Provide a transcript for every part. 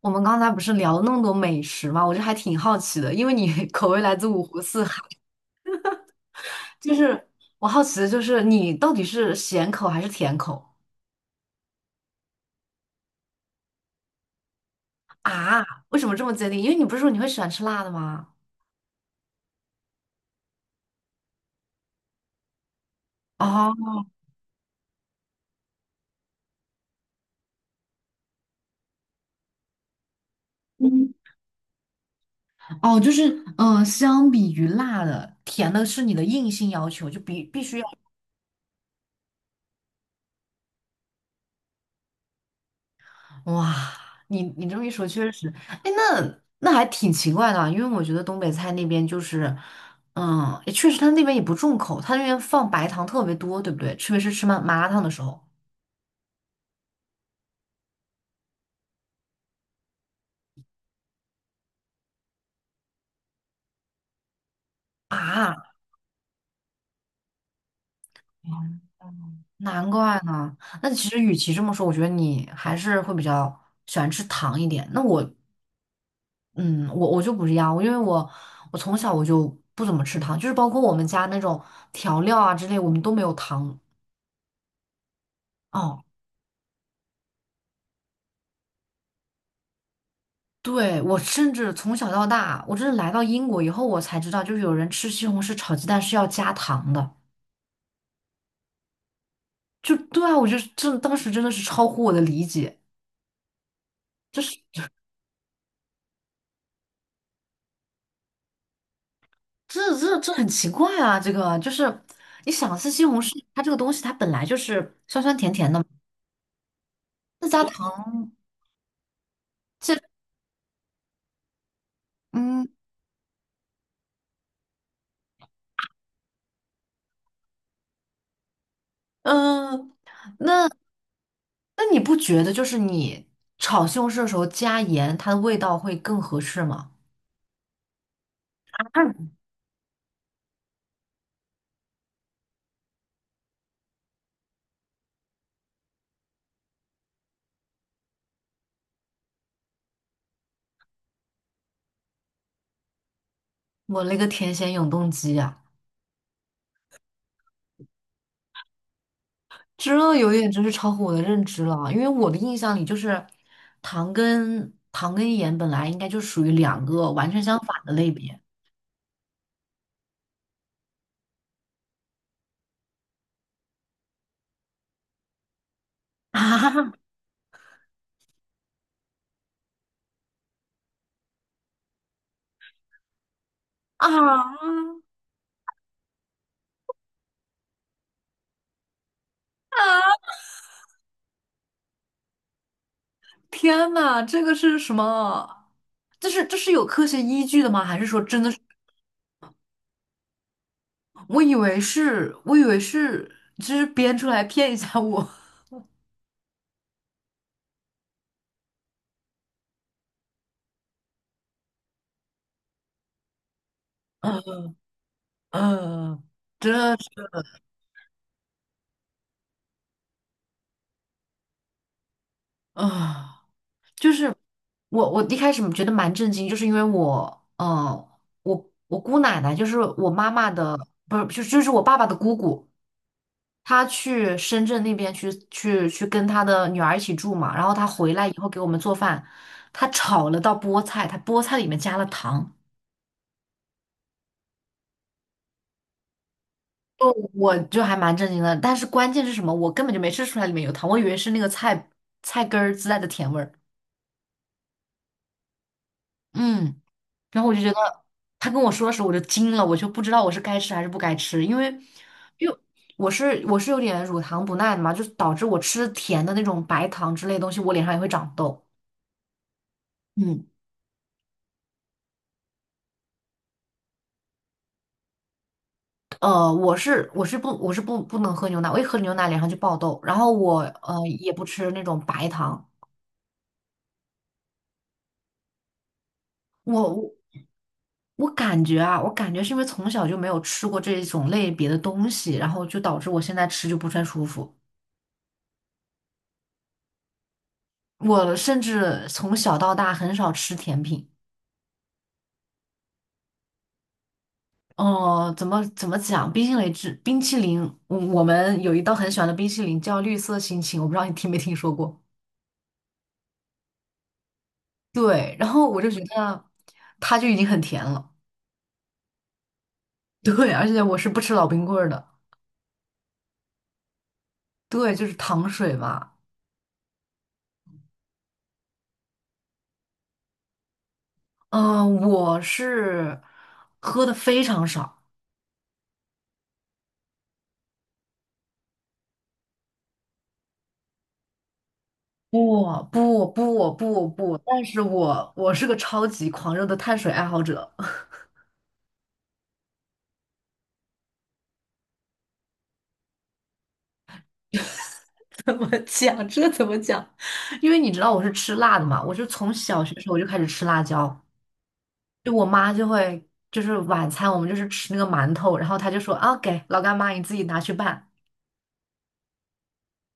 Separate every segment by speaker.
Speaker 1: 我们刚才不是聊了那么多美食嘛，我就还挺好奇的，因为你 口味来自五湖四海，就是我好奇的就是你到底是咸口还是甜口啊？为什么这么坚定？因为你不是说你会喜欢吃辣的吗？哦，嗯哦，就是相比于辣的，甜的是你的硬性要求，就必须要。哇，你这么一说，确实，哎，那还挺奇怪的啊，因为我觉得东北菜那边就是，嗯，也确实他那边也不重口，他那边放白糖特别多，对不对？特别是吃麻辣烫的时候啊，难怪呢。那其实与其这么说，我觉得你还是会比较喜欢吃糖一点。那我，嗯，我就不一样，因为我从小我就不怎么吃糖，就是包括我们家那种调料啊之类，我们都没有糖。哦。对，我甚至从小到大，我真的来到英国以后，我才知道，就是有人吃西红柿炒鸡蛋是要加糖的。就对啊，我就是这当时真的是超乎我的理解，就是这很奇怪啊！这个就是你想吃西红柿，它这个东西它本来就是酸酸甜甜的嘛，那加糖，这嗯嗯，那那你不觉得就是你炒西红柿的时候加盐，它的味道会更合适吗？我那个甜咸永动机啊！这有点真是超乎我的认知了啊，因为我的印象里就是糖跟盐本来应该就属于两个完全相反的类别啊 啊！天呐，这个是什么？这是有科学依据的吗？还是说真的是？我以为是，就是编出来骗一下我。嗯、这是啊。就是我，我一开始觉得蛮震惊，就是因为我，我姑奶奶就是我妈妈的，不是，就是我爸爸的姑姑，她去深圳那边去跟她的女儿一起住嘛，然后她回来以后给我们做饭，她炒了道菠菜，她菠菜里面加了糖，哦，我就还蛮震惊的，但是关键是什么？我根本就没吃出来里面有糖，我以为是那个菜根儿自带的甜味儿，嗯。然后我就觉得他跟我说的时候，我就惊了，我就不知道我是该吃还是不该吃，因为因为我是有点乳糖不耐的嘛，就是导致我吃甜的那种白糖之类的东西，我脸上也会长痘。嗯，我是不能喝牛奶，我一喝牛奶脸上就爆痘，然后我也不吃那种白糖，我我感觉啊，我感觉是因为从小就没有吃过这种类别的东西，然后就导致我现在吃就不太舒服。我甚至从小到大很少吃甜品。哦，怎么讲？冰淇淋，嗯，我们有一道很喜欢的冰淇淋叫绿色心情，我不知道你听没听说过。对，然后我就觉得它就已经很甜了。对，而且我是不吃老冰棍儿的。对，就是糖水嘛。嗯、我是喝的非常少。不，但是我是个超级狂热的碳水爱好者。怎么讲？这怎么讲？因为你知道我是吃辣的嘛，我是从小学时候我就开始吃辣椒。就我妈就会就是晚餐我们就是吃那个馒头，然后她就说啊给老干妈你自己拿去拌。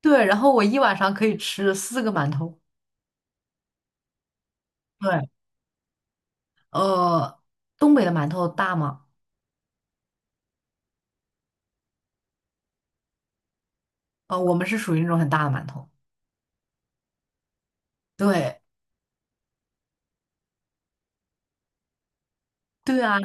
Speaker 1: 对，然后我一晚上可以吃四个馒头。对，呃，东北的馒头大吗？呃，我们是属于那种很大的馒头。对，对啊，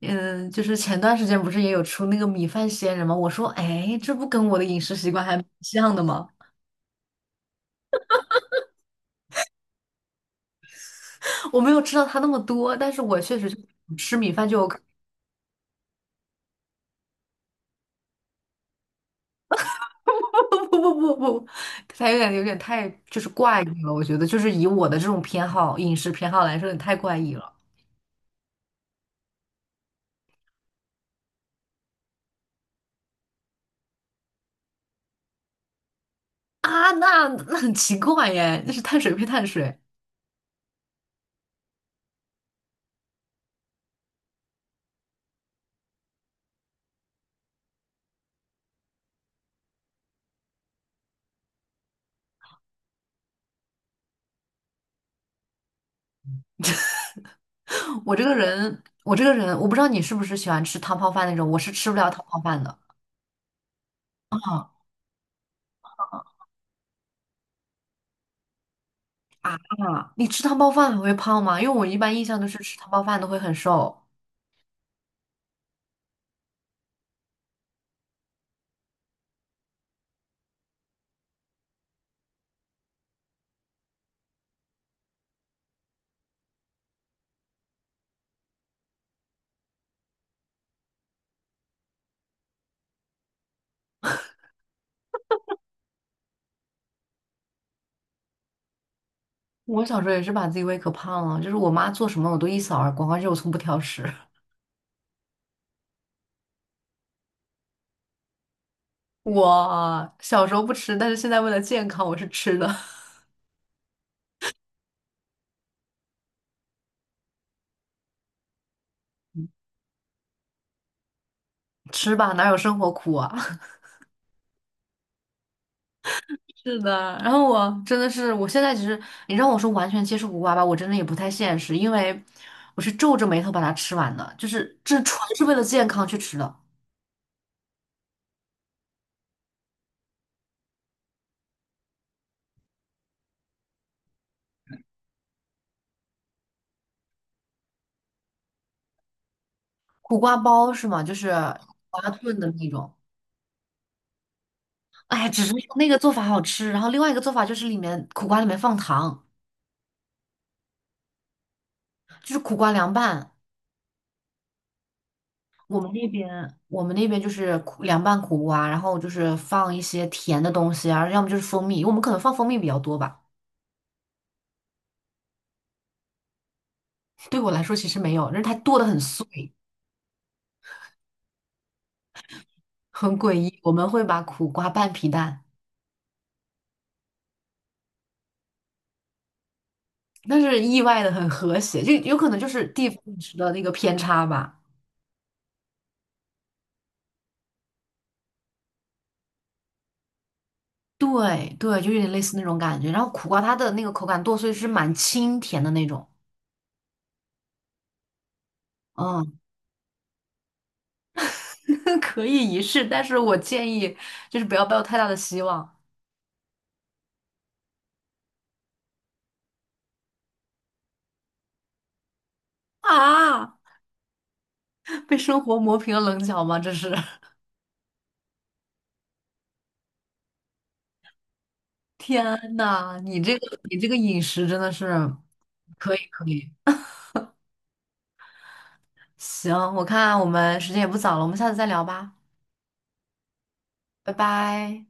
Speaker 1: 嗯，就是前段时间不是也有出那个米饭仙人吗？我说，哎，这不跟我的饮食习惯还蛮像的吗？我没有吃到它那么多，但是我确实就吃米饭就有。不不不不，他有点太就是怪异了，我觉得就是以我的这种饮食偏好来说，有点太怪异了啊！那很奇怪耶，那是碳水配碳水。我这个人，我不知道你是不是喜欢吃汤泡饭那种，我是吃不了汤泡饭的啊。你吃汤泡饭还会胖吗？因为我一般印象都是吃汤泡饭都会很瘦。我小时候也是把自己胃可胖了，就是我妈做什么我都一扫而光，而且我从不挑食。我小时候不吃，但是现在为了健康，我是吃的。吃吧，哪有生活苦啊？是的，然后我，真的是，我现在其实你让我说完全接受苦瓜吧，我真的也不太现实，因为我是皱着眉头把它吃完的，就是这纯是为了健康去吃的。苦瓜包是吗？就是苦瓜炖的那种。哎，只是那个做法好吃，然后另外一个做法就是里面苦瓜里面放糖，就是苦瓜凉拌。我们那边我们那边就是苦凉拌苦瓜，然后就是放一些甜的东西啊，要么就是蜂蜜，我们可能放蜂蜜比较多吧。对我来说其实没有，但是它剁得很碎，很诡异。我们会把苦瓜拌皮蛋，但是意外的很和谐，就有可能就是地方饮食的那个偏差吧。对对，就有点类似那种感觉。然后苦瓜它的那个口感剁碎是蛮清甜的那种，嗯，可以一试，但是我建议就是不要抱有太大的希望啊！被生活磨平了棱角吗？这是，天呐，你这个饮食真的是可以可以。行，我看我们时间也不早了，我们下次再聊吧，拜拜。